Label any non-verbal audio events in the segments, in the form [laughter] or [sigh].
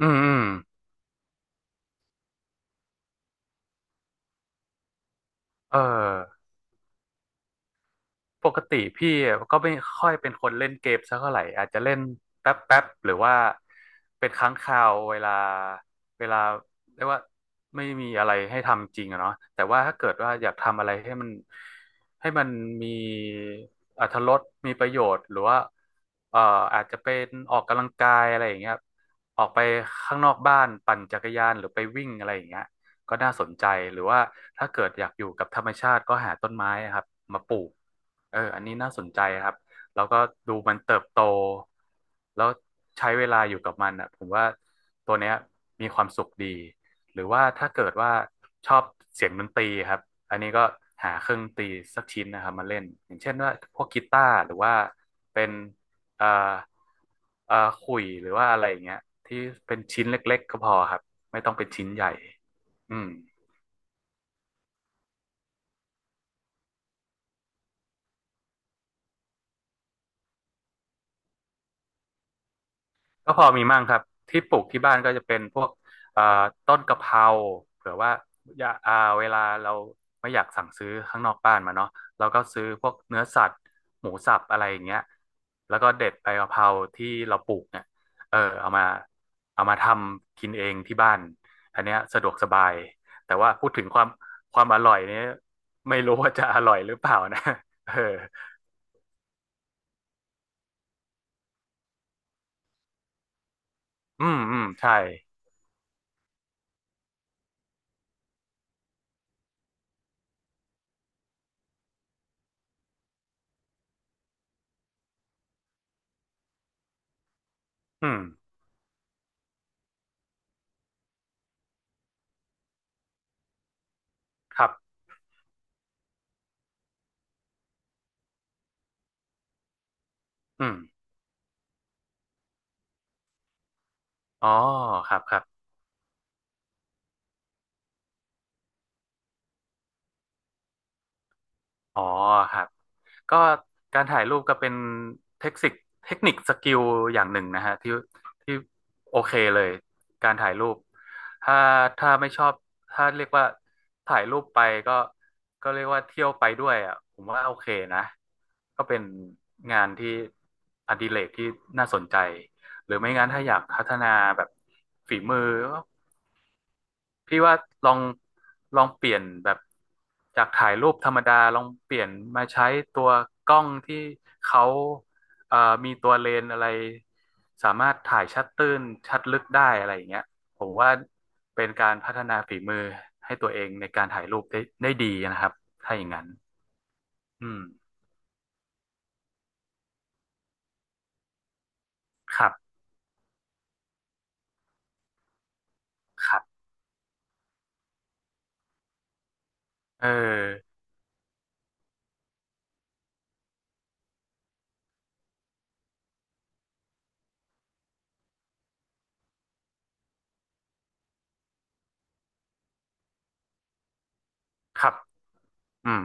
อืมอืมเออ ปกติพี่ก็ไม่ค่อยเป็นคนเล่นเกมสักเท่าไหร่อาจจะเล่นแป๊บหรือว่าเป็นครั้งคราวเวลาเรียกว่าไม่มีอะไรให้ทำจริงอะเนาะแต่ว่าถ้าเกิดว่าอยากทำอะไรให้มันมีอรรถรสมีประโยชน์หรือว่าเอ่ออาจจะเป็นออกกำลังกายอะไรอย่างเงี้ยออกไปข้างนอกบ้านปั่นจักรยานหรือไปวิ่งอะไรอย่างเงี้ยก็น่าสนใจหรือว่าถ้าเกิดอยากอยู่กับธรรมชาติก็หาต้นไม้ครับมาปลูก เอออันนี้น่าสนใจครับแล้วก็ดูมันเติบโตแล้วใช้เวลาอยู่กับมันอ่ะผมว่าตัวเนี้ยมีความสุขดีหรือว่าถ้าเกิดว่าชอบเสียงดนตรีครับอันนี้ก็หาเครื่องดนตรีสักชิ้นนะครับมาเล่นอย่างเช่นว่าพวกกีตาร์หรือว่าเป็นเอ่อเอ่อขลุ่ยหรือว่าอะไรอย่างเงี้ยที่เป็นชิ้นเล็กๆก็พอครับไม่ต้องเป็นชิ้นใหญ่อืม ก็พอมีมั่งครับที่ปลูกที่บ้านก็จะเป็นพวกเอ่อต้นกะเพราเผื่อว่าอย่าอ่าเวลาเราไม่อยากสั่งซื้อข้างนอกบ้านมาเนาะเราก็ซื้อพวกเนื้อสัตว์หมูสับอะไรอย่างเงี้ยแล้วก็เด็ดใบกะเพราที่เราปลูกเนี่ยเออเอามาเอามาทำกินเองที่บ้านอันเนี้ยสะดวกสบายแต่ว่าพูดถึงความอร่อยเนี้ยไม่รู้ว่าจะอร่อยหรือเปล่านะ [laughs] เอออืมอืมใช่อืมครับอืมอ๋อครับครับ อ๋อครับก็การถ่ายรูปก็เป็นเทคนิคเทคนิคสกิลอย่างหนึ่งนะฮะที่โอเคเลยการถ่ายรูปถ้าถ้าไม่ชอบถ้าเรียกว่าถ่ายรูปไปก็ก็เรียกว่าเที่ยวไปด้วยอ่ะผมว่าโอเคนะก็เป็นงานที่อดิเรกที่น่าสนใจหรือไม่งั้นถ้าอยากพัฒนาแบบฝีมือ พี่ว่าลองลองเปลี่ยนแบบจากถ่ายรูปธรรมดาลองเปลี่ยนมาใช้ตัวกล้องที่เขาเอ่อมีตัวเลนส์อะไรสามารถถ่ายชัดตื้นชัดลึกได้อะไรอย่างเงี้ยผมว่าเป็นการพัฒนาฝีมือให้ตัวเองในการถ่ายรูปได้ดีนะครับถ้าอย่างนั้นอืมครับครับเออครับอืม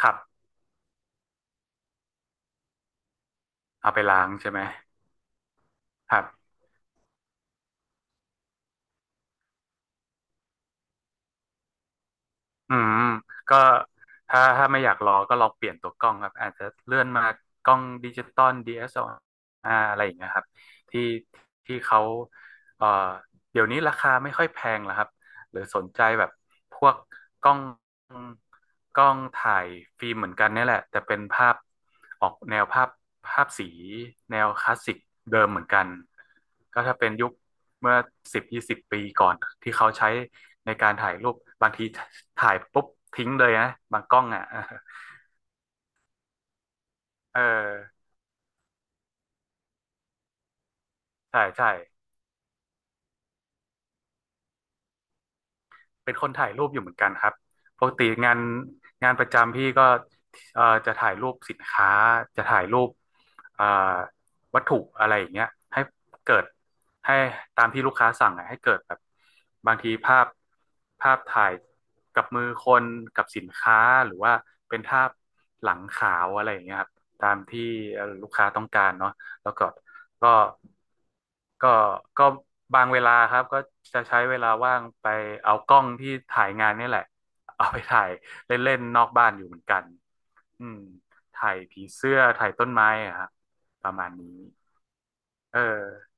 ครับเอาไปล้างใช่ไหมครับ อืมก็ถ้าไม่อยากรอก็ลองเปลี่ยนตัวกล้องครับอาจจะเลื่อนมากล้องดิจิตอล DSLR อสแอลอาร์อะไรอย่างเงี้ยครับที่ที่เขาเอ่อเดี๋ยวนี้ราคาไม่ค่อยแพงแล้วครับหรือสนใจแบบพวกกล้องกล้องถ่ายฟิล์มเหมือนกันเนี่ยแหละแต่เป็นภาพออกแนวภาพสีแนวคลาสสิกเดิมเหมือนกันก็ถ้าเป็นยุค เมื่อสิบยี่สิบปีก่อนที่เขาใช้ในการถ่ายรูปบางทีถ่ายปุ๊บทิ้งเลยนะบางกล้องอ่ะเออใช่ใช่ เป็นคนถ่ายรูปอยู่เหมือนกันครับปกติงานประจำพี่ก็จะถ่ายรูปสินค้าจะถ่ายรูปเอ่อวัตถุอะไรอย่างเงี้ยให้เกิดให้ตามที่ลูกค้าสั่งอะให้เกิดแบบบางทีภาพถ่ายกับมือคนกับสินค้าหรือว่าเป็นภาพหลังขาวอะไรอย่างเงี้ยครับตามที่ลูกค้าต้องการเนาะแล้วก็ ก็ก็ก็บางเวลาครับก็จะใช้เวลาว่างไปเอากล้องที่ถ่ายงานนี่แหละเอาไปถ่ายเล่นๆนอกบ้านอยู่เหมือนกันอืมถ่ายผีเสื้อถ่ายต้นไม้อะครับประมาณนี้ เออ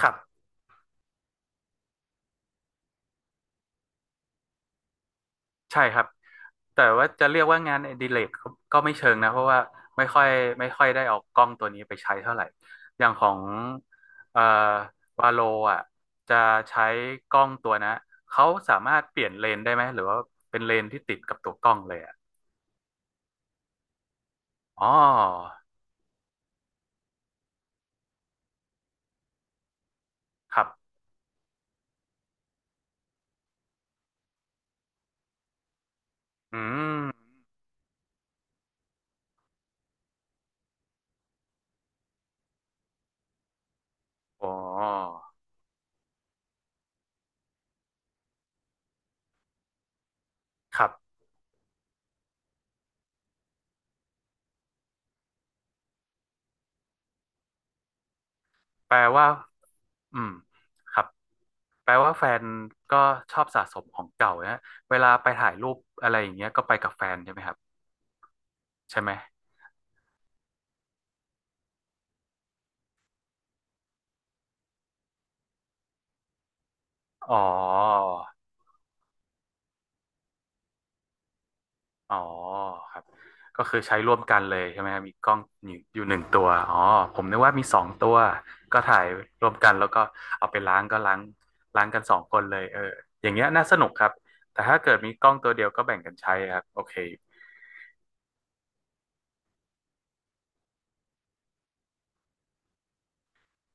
ครับ ใช่ครับแต่ว่าจะเรียกว่างานอดิเรกก็ไม่เชิงนะเพราะว่าไม่ค่อยไม่ค่อยได้เอากล้องตัวนี้ไปใช้เท่าไหร่อย่างของเอ่อวาโลอ่ะจะใช้กล้องตัวนะเขาสามารถเปลี่ยนเลนส์ได้ไหมหรือว่าเป็นเลนส์ที่ติดกับตัวกล้องเลยอ่ะอ๋อครับอืมอ๋อครับแปลว่าอืมครับแปลว่าแฟนก็ชอบสะสมของเก่านะเวลาไปถ่ายรูปอะไรอย่างเงี้ยก็ไปกับแฟนใช่ไหมครับใช่ไหม อ๋อ อ๋อครับ ก็คือใช้ร่วมกันเลยใช่ไหมครับมีกล้องอยู่หนึ่งตัวอ๋อผมนึกว่ามีสองตัวก็ถ่ายร่วมกันแล้วก็เอาไปล้างก็ล้างกันสองคนเลยเอออย่างเงี้ยน่าสนุกครับแต่ถ้าเกิดมีกล้องตัวเดียวก็แบ่งกันใช้ครับโอเค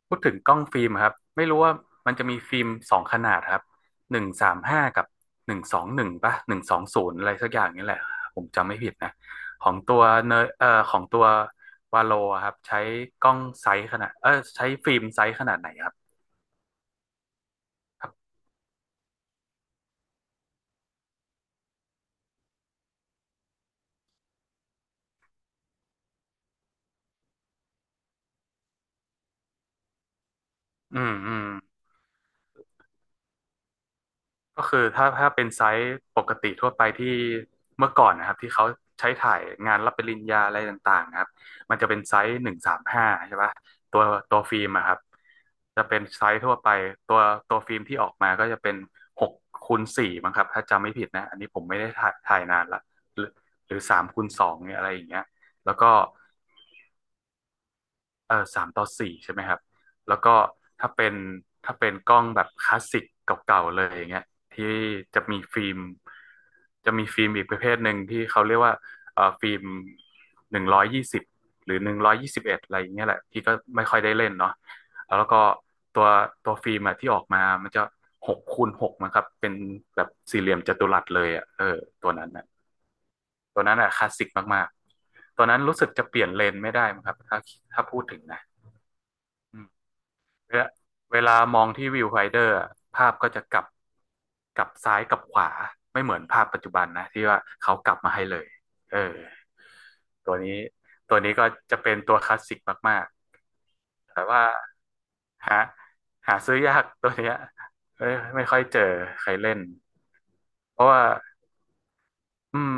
พูดถึงกล้องฟิล์มครับไม่รู้ว่ามันจะมีฟิล์มสองขนาดครับหนึ่งสามห้ากับ121ป่ะ120อะไรสักอย่างนี่แหละผมจำไม่ผิดนะของตัวเนอเอ่อของตัววาโลครับใช้กล้องไซส์ขนาดเออใช้ฟิล์มไซส์ขนาดไหนครับครับอืมอืม ก็คือถ้าเป็นไซส์ปกติทั่วไปที่เมื่อก่อนนะครับที่เขาใช้ถ่ายงานรับปริญญาอะไรต่างๆนะครับมันจะเป็นไซส์หนึ่งสามห้าใช่ปะตัวตัวฟิล์มอะครับจะเป็นไซส์ทั่วไปตัวตัวฟิล์มที่ออกมาก็จะเป็น6x4มั้งครับถ้าจำไม่ผิดนะอันนี้ผมไม่ได้ถ่ายนานละหรือหรือ3x2เนี่ยอะไรอย่างเงี้ยแล้วก็ เออ3:4ใช่ไหมครับแล้วก็ถ้าเป็นถ้าเป็นกล้องแบบคลาสสิกเก่าๆเลยอย่างเงี้ยที่จะมีฟิล์มจะมีฟิล์มอีกประเภทหนึ่งที่เขาเรียกว่าฟิล์มหนึ่งร้อยยี่สิบหรือ121อะไรอย่างเงี้ยแหละที่ก็ไม่ค่อยได้เล่นเนาะแล้วก็ตัวตัวฟิล์มอะที่ออกมามันจะ6x6มั้งครับเป็นแบบสี่เหลี่ยมจัตุรัสเลยอ่ะเออตัวนั้นน่ะตัวนั้นอ่ะคลาสสิกมากๆตัวนั้นรู้สึกจะเปลี่ยนเลนส์ไม่ได้มั้งครับถ้าพูดถึงนะอืม เวลาเวลามองที่วิวไฟเดอร์อะภาพก็จะกลับซ้ายกลับขวาไม่เหมือนภาพปัจจุบันนะที่ว่าเขากลับมาให้เลยเออตัวนี้ตัวนี้ก็จะเป็นตัวคลาสสิกมากๆแต่ว่าหาหาซื้อยากตัวเนี้ยไม่ไม่ค่อยเจอใครเล่นเพราะว่า อืม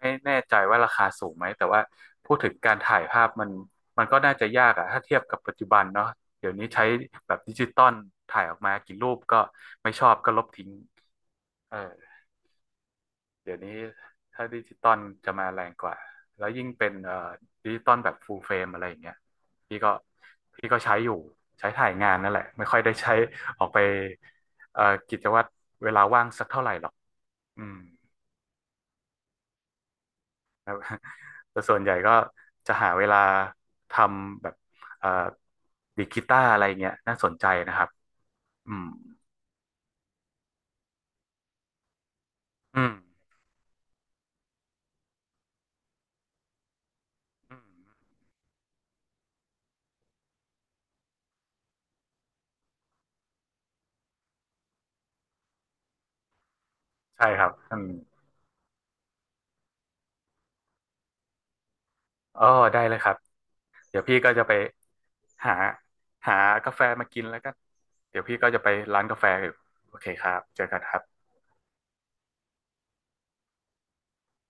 ไม่แน่ใจว่าราคาสูงไหมแต่ว่าพูดถึงการถ่ายภาพมันก็น่าจะยากอะถ้าเทียบกับปัจจุบันเนาะเดี๋ยวนี้ใช้แบบดิจิตอลถ่ายออกมากี่รูปก็ไม่ชอบก็ลบทิ้งเออเดี๋ยวนี้ถ้าดิจิตอลจะมาแรงกว่าแล้วยิ่งเป็นดิจิตอลแบบฟูลเฟรมอะไรอย่างเงี้ยพี่ก็พี่ก็ใช้อยู่ใช้ถ่ายงานนั่นแหละไม่ค่อยได้ใช้ออกไปเอ่อกิจวัตรเวลาว่างสักเท่าไหร่หรอกอืมครับ แต่ส่วนใหญ่ก็จะหาเวลาทำแบบเอ่อดีดกีตาร์อะไรเงี้ยน่าสนใจนะครับอืมอืมอืมใช่ครับอืมอ๋อได้เลยครับเดี๋ยวพี่ก็จะไปหาหากาแฟมากินแล้วก็เดี๋ยวพี่ก็จะไปร้านกาแฟอยู่โอเคครับเจอกันครับ